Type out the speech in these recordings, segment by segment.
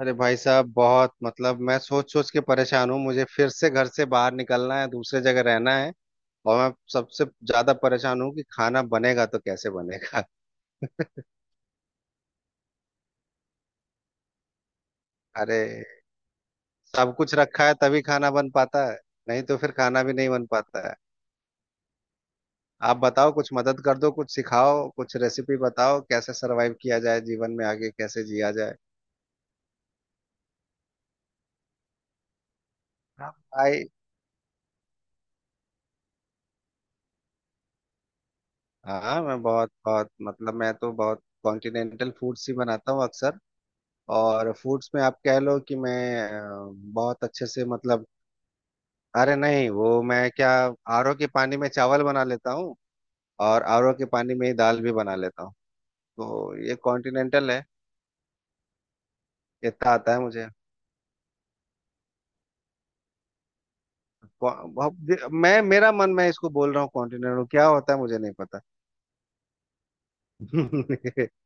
अरे भाई साहब, बहुत मतलब मैं सोच सोच के परेशान हूँ। मुझे फिर से घर से बाहर निकलना है, दूसरे जगह रहना है। और मैं सबसे ज्यादा परेशान हूँ कि खाना बनेगा तो कैसे बनेगा। अरे सब कुछ रखा है तभी खाना बन पाता है। नहीं तो फिर खाना भी नहीं बन पाता है। आप बताओ, कुछ मदद कर दो, कुछ सिखाओ, कुछ रेसिपी बताओ, कैसे सरवाइव किया जाए, जीवन में आगे कैसे जिया जाए। हाँ भाई। हाँ, मैं बहुत बहुत मतलब मैं तो बहुत कॉन्टिनेंटल फूड्स ही बनाता हूँ अक्सर। और फूड्स में आप कह लो कि मैं अ, बहुत अच्छे से मतलब। अरे नहीं, वो मैं क्या, आरओ के पानी में चावल बना लेता हूँ। और आरओ के पानी में ही दाल भी बना लेता हूँ। तो ये कॉन्टिनेंटल है। इतना आता है मुझे। मैं मेरा मन, मैं इसको बोल रहा हूँ, कॉन्टिनेंटल क्या होता है मुझे नहीं पता।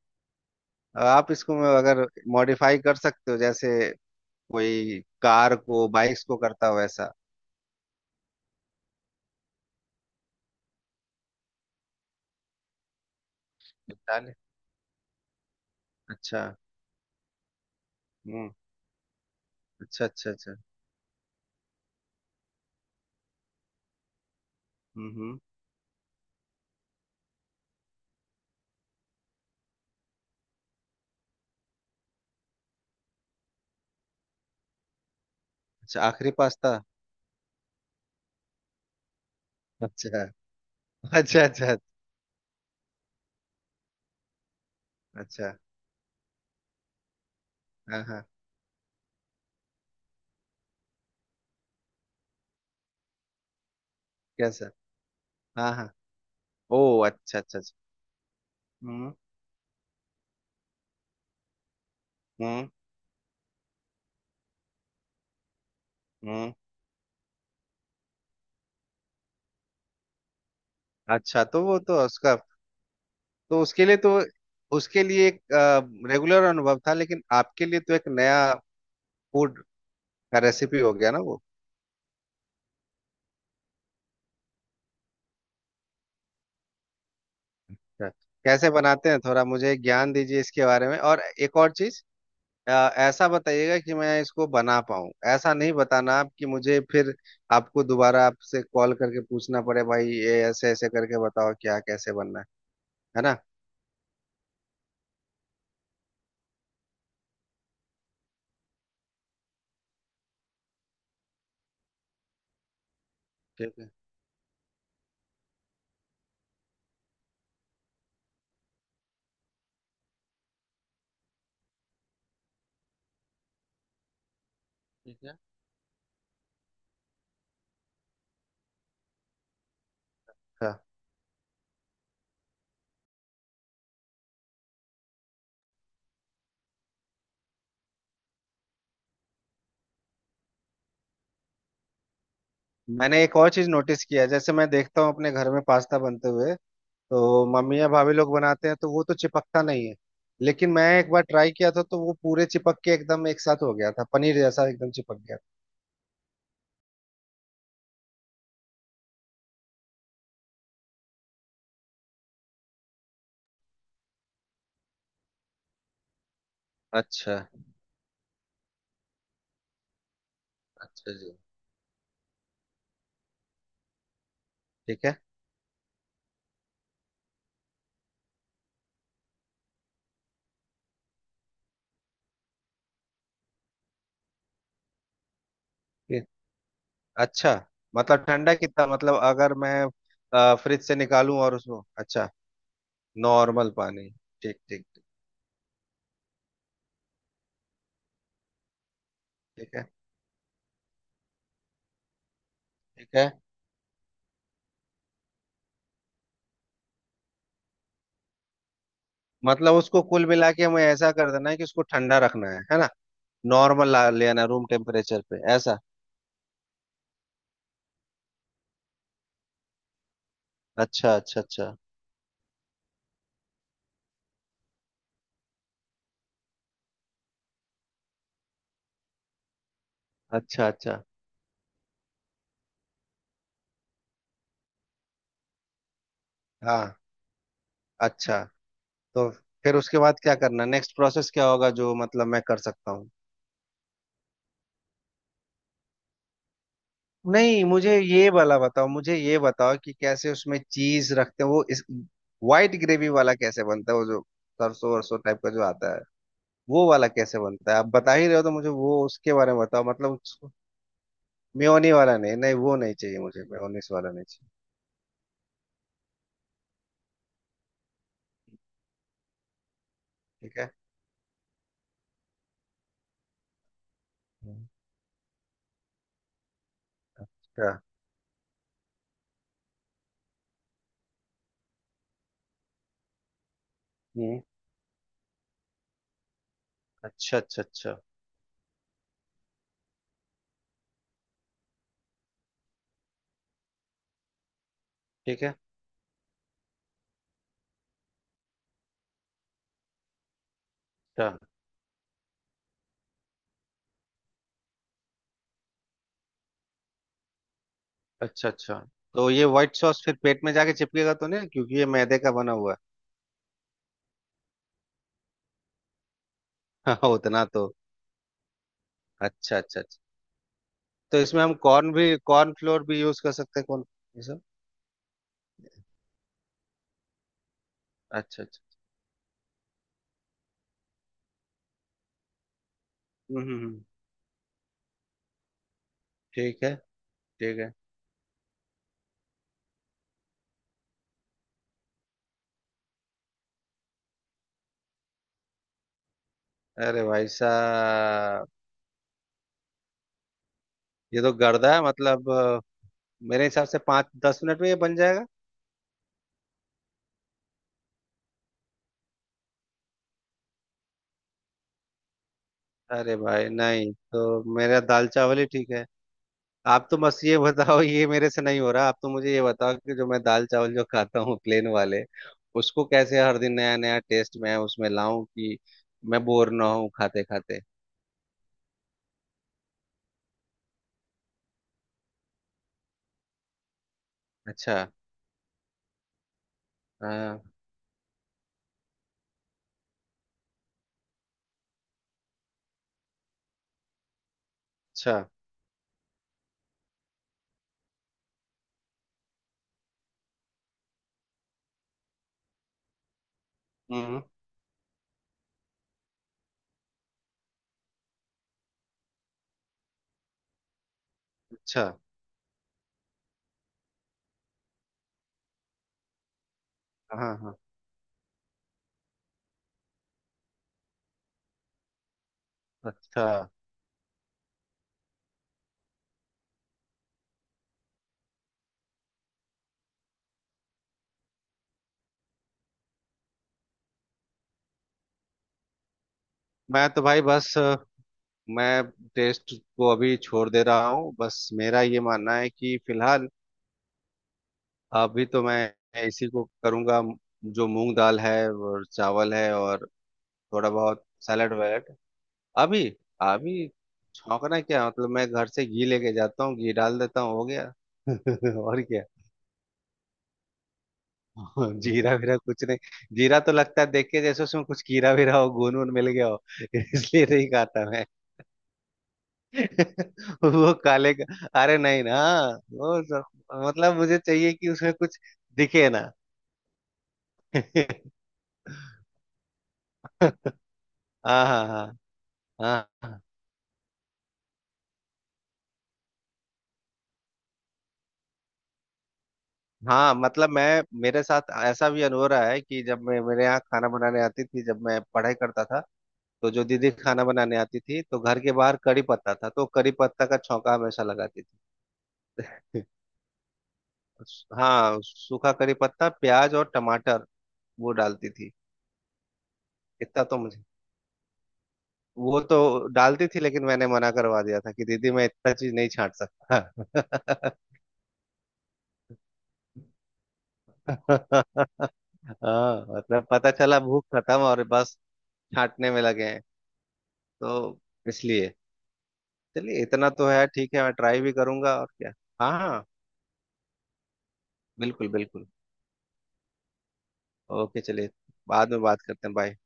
आप इसको अगर मॉडिफाई कर सकते हो, जैसे कोई कार को बाइक्स को करता हो वैसा। निपटा ले। अच्छा। हम्म। अच्छा अच्छा अच्छा। हम्म। अच्छा, आखिरी पास्ता। अच्छा अच्छा अच्छा। अच्छा। हाँ हाँ। कैसा? हाँ हाँ। ओ। अच्छा अच्छा अच्छा। हम्म हम्म हम्म। अच्छा, तो वो तो उसका, तो उसके लिए एक रेगुलर अनुभव था, लेकिन आपके लिए तो एक नया फूड का रेसिपी हो गया ना वो। अच्छा, कैसे बनाते हैं, थोड़ा मुझे ज्ञान दीजिए इसके बारे में, और एक और चीज। अ, ऐसा बताइएगा कि मैं इसको बना पाऊँ, ऐसा नहीं बताना आप कि मुझे फिर आपको दोबारा आपसे कॉल करके पूछना पड़े, भाई ये ऐसे ऐसे करके बताओ क्या कैसे बनना है। है ना। ठीक है। ठीक है। हाँ। मैंने एक और चीज नोटिस किया है, जैसे मैं देखता हूँ अपने घर में पास्ता बनते हुए, तो मम्मी या भाभी लोग बनाते हैं तो वो तो चिपकता नहीं है। लेकिन मैं एक बार ट्राई किया था तो वो पूरे चिपक के एकदम एक साथ हो गया था, पनीर जैसा एकदम चिपक गया था। अच्छा। अच्छा जी। ठीक है। अच्छा। मतलब ठंडा कितना, मतलब अगर मैं फ्रिज से निकालूं और उसको? अच्छा। नॉर्मल पानी। ठीक ठीक ठीक। ठीक है। ठीक है। मतलब उसको कुल मिला के हमें ऐसा कर देना है कि उसको ठंडा रखना है ना। नॉर्मल ला लेना, रूम टेम्परेचर पे ऐसा। अच्छा अच्छा अच्छा। अच्छा अच्छा। हाँ। अच्छा। तो फिर उसके बाद क्या करना, नेक्स्ट प्रोसेस क्या होगा जो मतलब मैं कर सकता हूँ। नहीं, मुझे ये वाला बताओ, मुझे ये बताओ कि कैसे उसमें चीज रखते हैं, वो इस वाइट ग्रेवी वाला कैसे बनता है, वो जो सरसों वरसों टाइप का जो आता है, वो वाला कैसे बनता है आप बता ही रहे हो तो मुझे वो उसके बारे में बताओ मतलब। मेयोनी वाला नहीं नहीं, वो नहीं चाहिए मुझे, मेयोनीस वाला नहीं चाहिए। ठीक है। हम्म। अच्छा। हम्म। अच्छा अच्छा अच्छा। ठीक है। अच्छा अच्छा अच्छा। तो ये व्हाइट सॉस फिर पेट में जाके चिपकेगा तो नहीं, क्योंकि ये मैदे का बना हुआ है। उतना तो। अच्छा अच्छा। तो इसमें हम कॉर्न भी, कॉर्न फ्लोर भी यूज कर सकते हैं, कौन ये सब। अच्छा अच्छा। हम्म हम्म, हम्म, ठीक है। ठीक है। अरे भाई साहब, ये तो गर्दा है, मतलब मेरे हिसाब से 5-10 मिनट में ये बन जाएगा। अरे भाई नहीं, तो मेरा दाल चावल ही ठीक है। आप तो बस ये बताओ, ये मेरे से नहीं हो रहा, आप तो मुझे ये बताओ कि जो मैं दाल चावल जो खाता हूँ प्लेन वाले, उसको कैसे हर दिन नया नया टेस्ट मैं उसमें लाऊं कि मैं बोर ना हूँ खाते खाते। अच्छा। हाँ। अच्छा। हम्म। अच्छा। हाँ हाँ। अच्छा। मैं तो भाई बस मैं टेस्ट को अभी छोड़ दे रहा हूँ, बस मेरा ये मानना है कि फिलहाल अभी तो मैं इसी को करूँगा, जो मूंग दाल है और चावल है और थोड़ा बहुत सैलड वैलड। अभी अभी। छौंकना क्या, मतलब मैं घर से घी लेके जाता हूँ, घी डाल देता हूँ, हो गया। और क्या। जीरा वीरा कुछ नहीं। जीरा तो लगता है देख के जैसे उसमें कुछ कीड़ा वीरा हो, घुन वुन मिल गया हो, इसलिए नहीं खाता। वो काले का। अरे नहीं ना। मतलब मुझे चाहिए कि उसमें कुछ दिखे ना। हाँ हाँ हाँ। हाँ हाँ। हाँ, मतलब मैं, मेरे साथ ऐसा भी अनुभव रहा है कि जब मैं, मेरे यहाँ खाना बनाने आती थी जब मैं पढ़ाई करता था, तो जो दीदी खाना बनाने आती थी तो घर के बाहर कड़ी पत्ता था तो कड़ी पत्ता का छौंका हमेशा लगाती थी। हाँ, सूखा कड़ी पत्ता, प्याज और टमाटर वो डालती थी। इतना तो मुझे। वो तो डालती थी, लेकिन मैंने मना करवा दिया था कि दीदी मैं इतना चीज नहीं छांट सकता। हाँ, मतलब पता चला भूख खत्म और बस छांटने में लगे हैं। तो इसलिए चलिए इतना तो है, ठीक है, मैं ट्राई भी करूंगा और क्या। हाँ हाँ। बिल्कुल बिल्कुल। ओके चलिए। बाद में बात करते हैं, बाय।